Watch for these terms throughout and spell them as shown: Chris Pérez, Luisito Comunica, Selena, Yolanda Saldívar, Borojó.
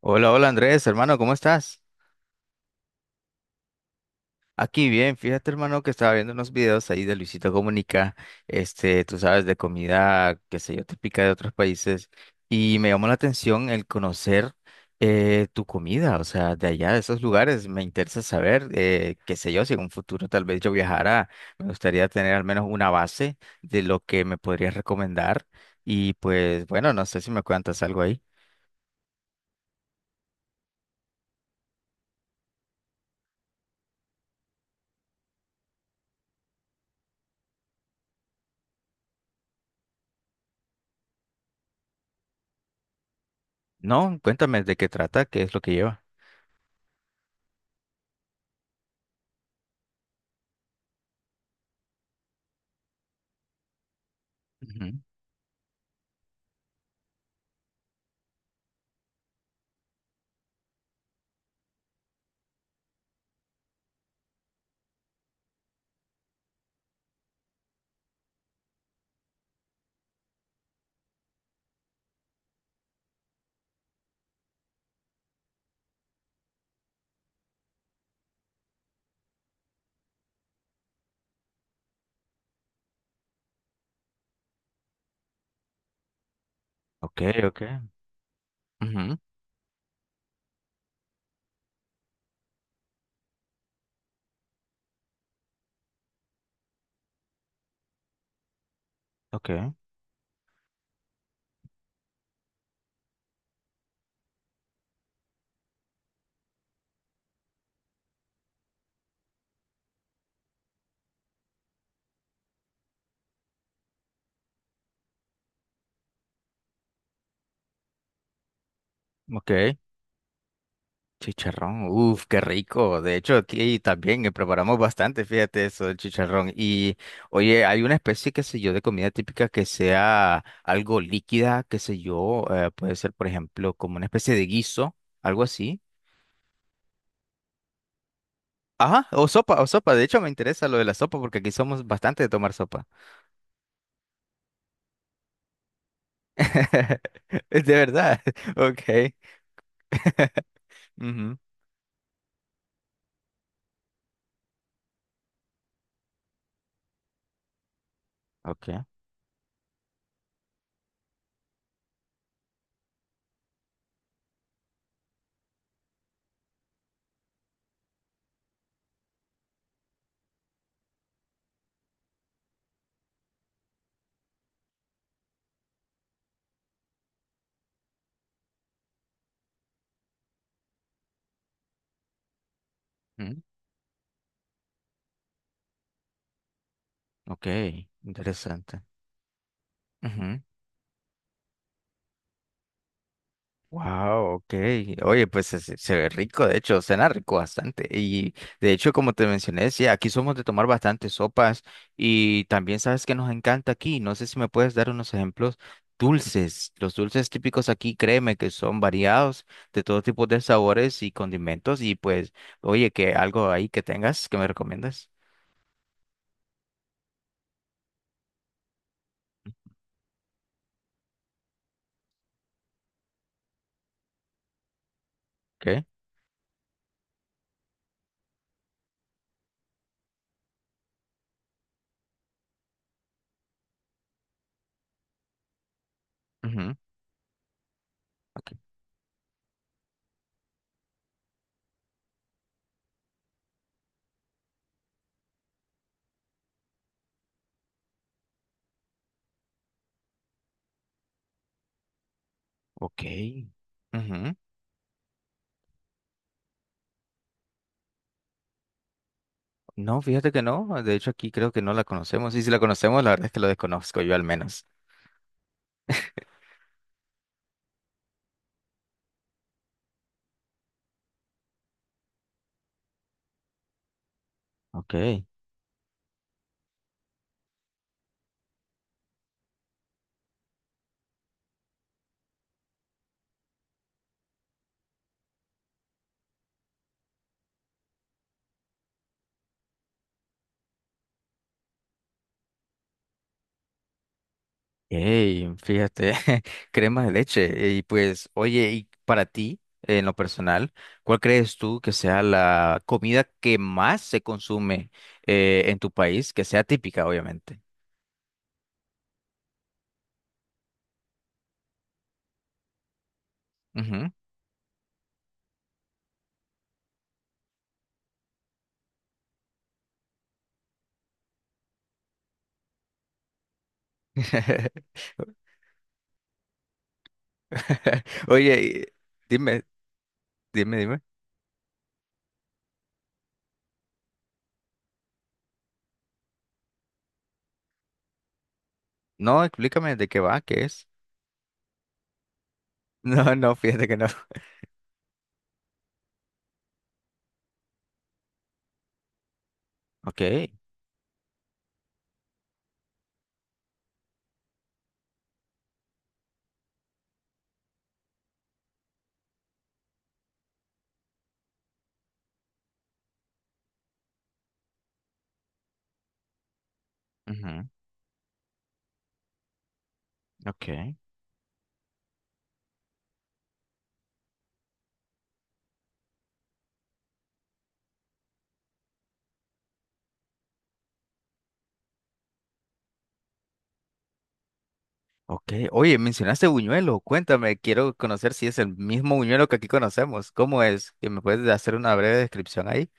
Hola, hola Andrés, hermano, ¿cómo estás? Aquí bien, fíjate hermano que estaba viendo unos videos ahí de Luisito Comunica, este, tú sabes, de comida, qué sé yo, típica de otros países, y me llamó la atención el conocer tu comida, o sea, de allá, de esos lugares, me interesa saber, qué sé yo, si en un futuro tal vez yo viajara, me gustaría tener al menos una base de lo que me podrías recomendar, y pues bueno, no sé si me cuentas algo ahí. No, cuéntame de qué trata, qué es lo que lleva. Ujú. Ok, ok. Ujú, ok, ok. Chicharrón, uff, qué rico. De hecho, aquí también preparamos bastante, fíjate eso, el chicharrón. Y oye, hay una especie, qué sé yo, de comida típica que sea algo líquida, qué sé yo, puede ser, por ejemplo, como una especie de guiso, algo así. Ajá, o sopa, o sopa. De hecho, me interesa lo de la sopa porque aquí somos bastante de tomar sopa. De verdad, ok. Ujú, ok, mm, ok, interesante. Wow, ok. Oye, pues se, se ve rico, de hecho, suena rico bastante. Y de hecho, como te mencioné, sí, aquí somos de tomar bastantes sopas y también sabes que nos encanta aquí. No sé si me puedes dar unos ejemplos dulces. Los dulces típicos aquí, créeme que son variados de todo tipo de sabores y condimentos. Y pues, oye, que algo ahí que tengas que me recomiendas. ¿Qué? Ujú, ok. Ok. Ujú. No, fíjate que no. De hecho, aquí creo que no la conocemos. Y si la conocemos, la verdad es que lo desconozco yo al menos. Ok. Hey, fíjate, crema de leche. Y pues, oye, y para ti, en lo personal, ¿cuál crees tú que sea la comida que más se consume en tu país, que sea típica, obviamente? Ujú. Oye, dime, dime. No, explícame de qué va, qué es. No, fíjate que no. Ok, ujú, ok. Ok, oye, mencionaste Buñuelo, cuéntame, quiero conocer si es el mismo Buñuelo que aquí conocemos. ¿Cómo es? ¿Que me puedes hacer una breve descripción ahí?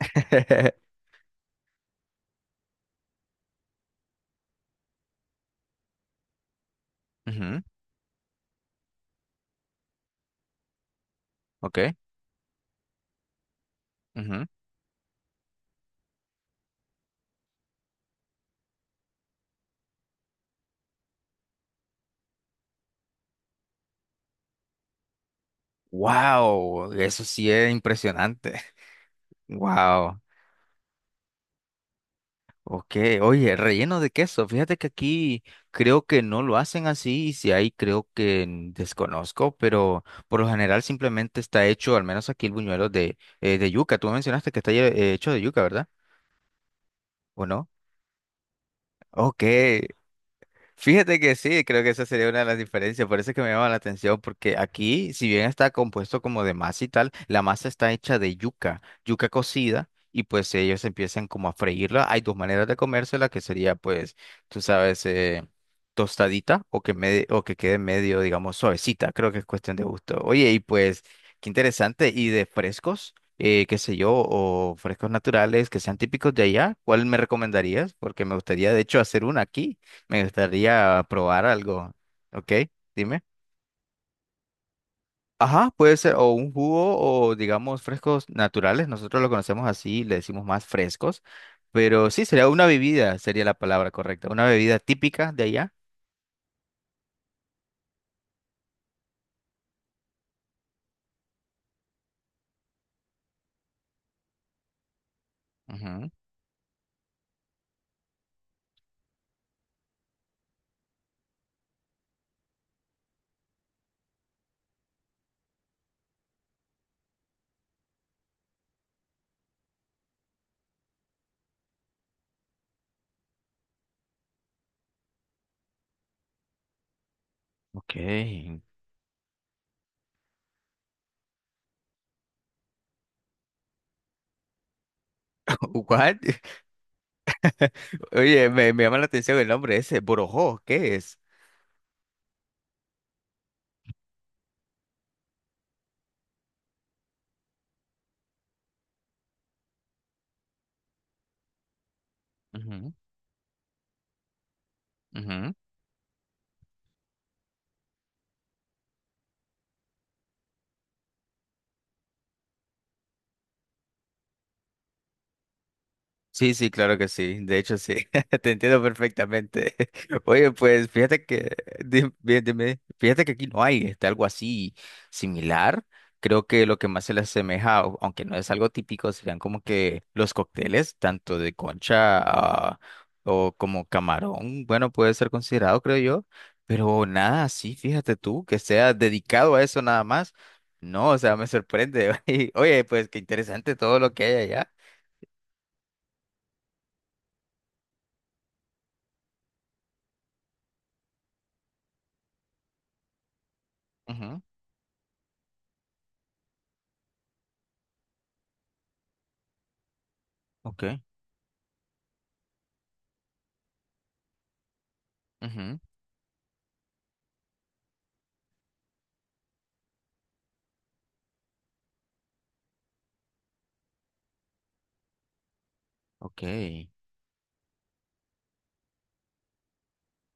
Ujú, ok. Ujú. Wow, eso sí es impresionante. Wow. Ok, oye, relleno de queso. Fíjate que aquí creo que no lo hacen así y si hay creo que desconozco, pero por lo general simplemente está hecho, al menos aquí el buñuelo de yuca. Tú mencionaste que está hecho de yuca, ¿verdad? ¿O no? Ok, fíjate que sí, creo que esa sería una de las diferencias, por eso es que me llama la atención, porque aquí, si bien está compuesto como de masa y tal, la masa está hecha de yuca, yuca cocida, y pues ellos empiezan como a freírla. Hay dos maneras de comérsela, que sería pues, tú sabes, tostadita o que, me, o que quede medio, digamos, suavecita, creo que es cuestión de gusto. Oye, y pues, qué interesante, y de frescos, qué sé yo, o frescos naturales que sean típicos de allá, ¿cuál me recomendarías? Porque me gustaría de hecho hacer una aquí. Me gustaría probar algo. ¿Ok? Dime. Ajá, puede ser o un jugo o digamos frescos naturales. Nosotros lo conocemos así, le decimos más frescos. Pero sí, sería una bebida, sería la palabra correcta. Una bebida típica de allá. Ujú, ok. What? Oye, me llama la atención el nombre ese. Borojó, ¿qué es? Ujú, ujú. Sí, sí, claro que sí. De hecho, sí. Te entiendo perfectamente. Oye, pues fíjate que, bien, dime, fíjate que aquí no hay este, algo así similar. Creo que lo que más se le asemeja, aunque no es algo típico, serían como que los cócteles, tanto de concha, ah, o como camarón. Bueno, puede ser considerado, creo yo. Pero nada, sí, fíjate tú, que sea dedicado a eso nada más. No, o sea, me sorprende. Y, oye, pues qué interesante todo lo que hay allá. Ujú, ok. Ujú, ok.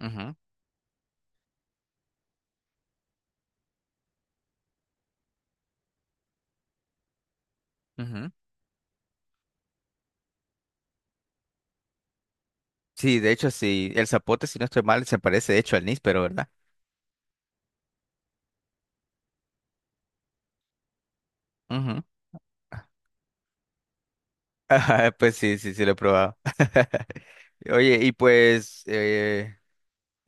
Ujú, ujú, sí, de hecho, sí, el zapote, si no estoy mal, se parece de hecho al níspero, ¿verdad? Ujú. Ajá, pues sí, sí lo he probado. Oye, y pues,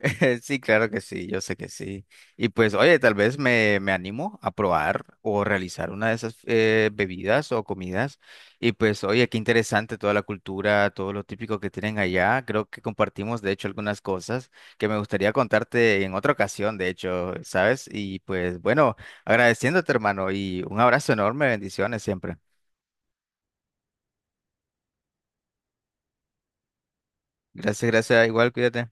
sí, claro que sí, yo sé que sí. Y pues, oye, tal vez me animo a probar o realizar una de esas bebidas o comidas. Y pues, oye, qué interesante toda la cultura, todo lo típico que tienen allá. Creo que compartimos, de hecho, algunas cosas que me gustaría contarte en otra ocasión, de hecho, ¿sabes? Y pues, bueno, agradeciéndote, hermano, y un abrazo enorme, bendiciones siempre. Gracias, gracias, igual, cuídate.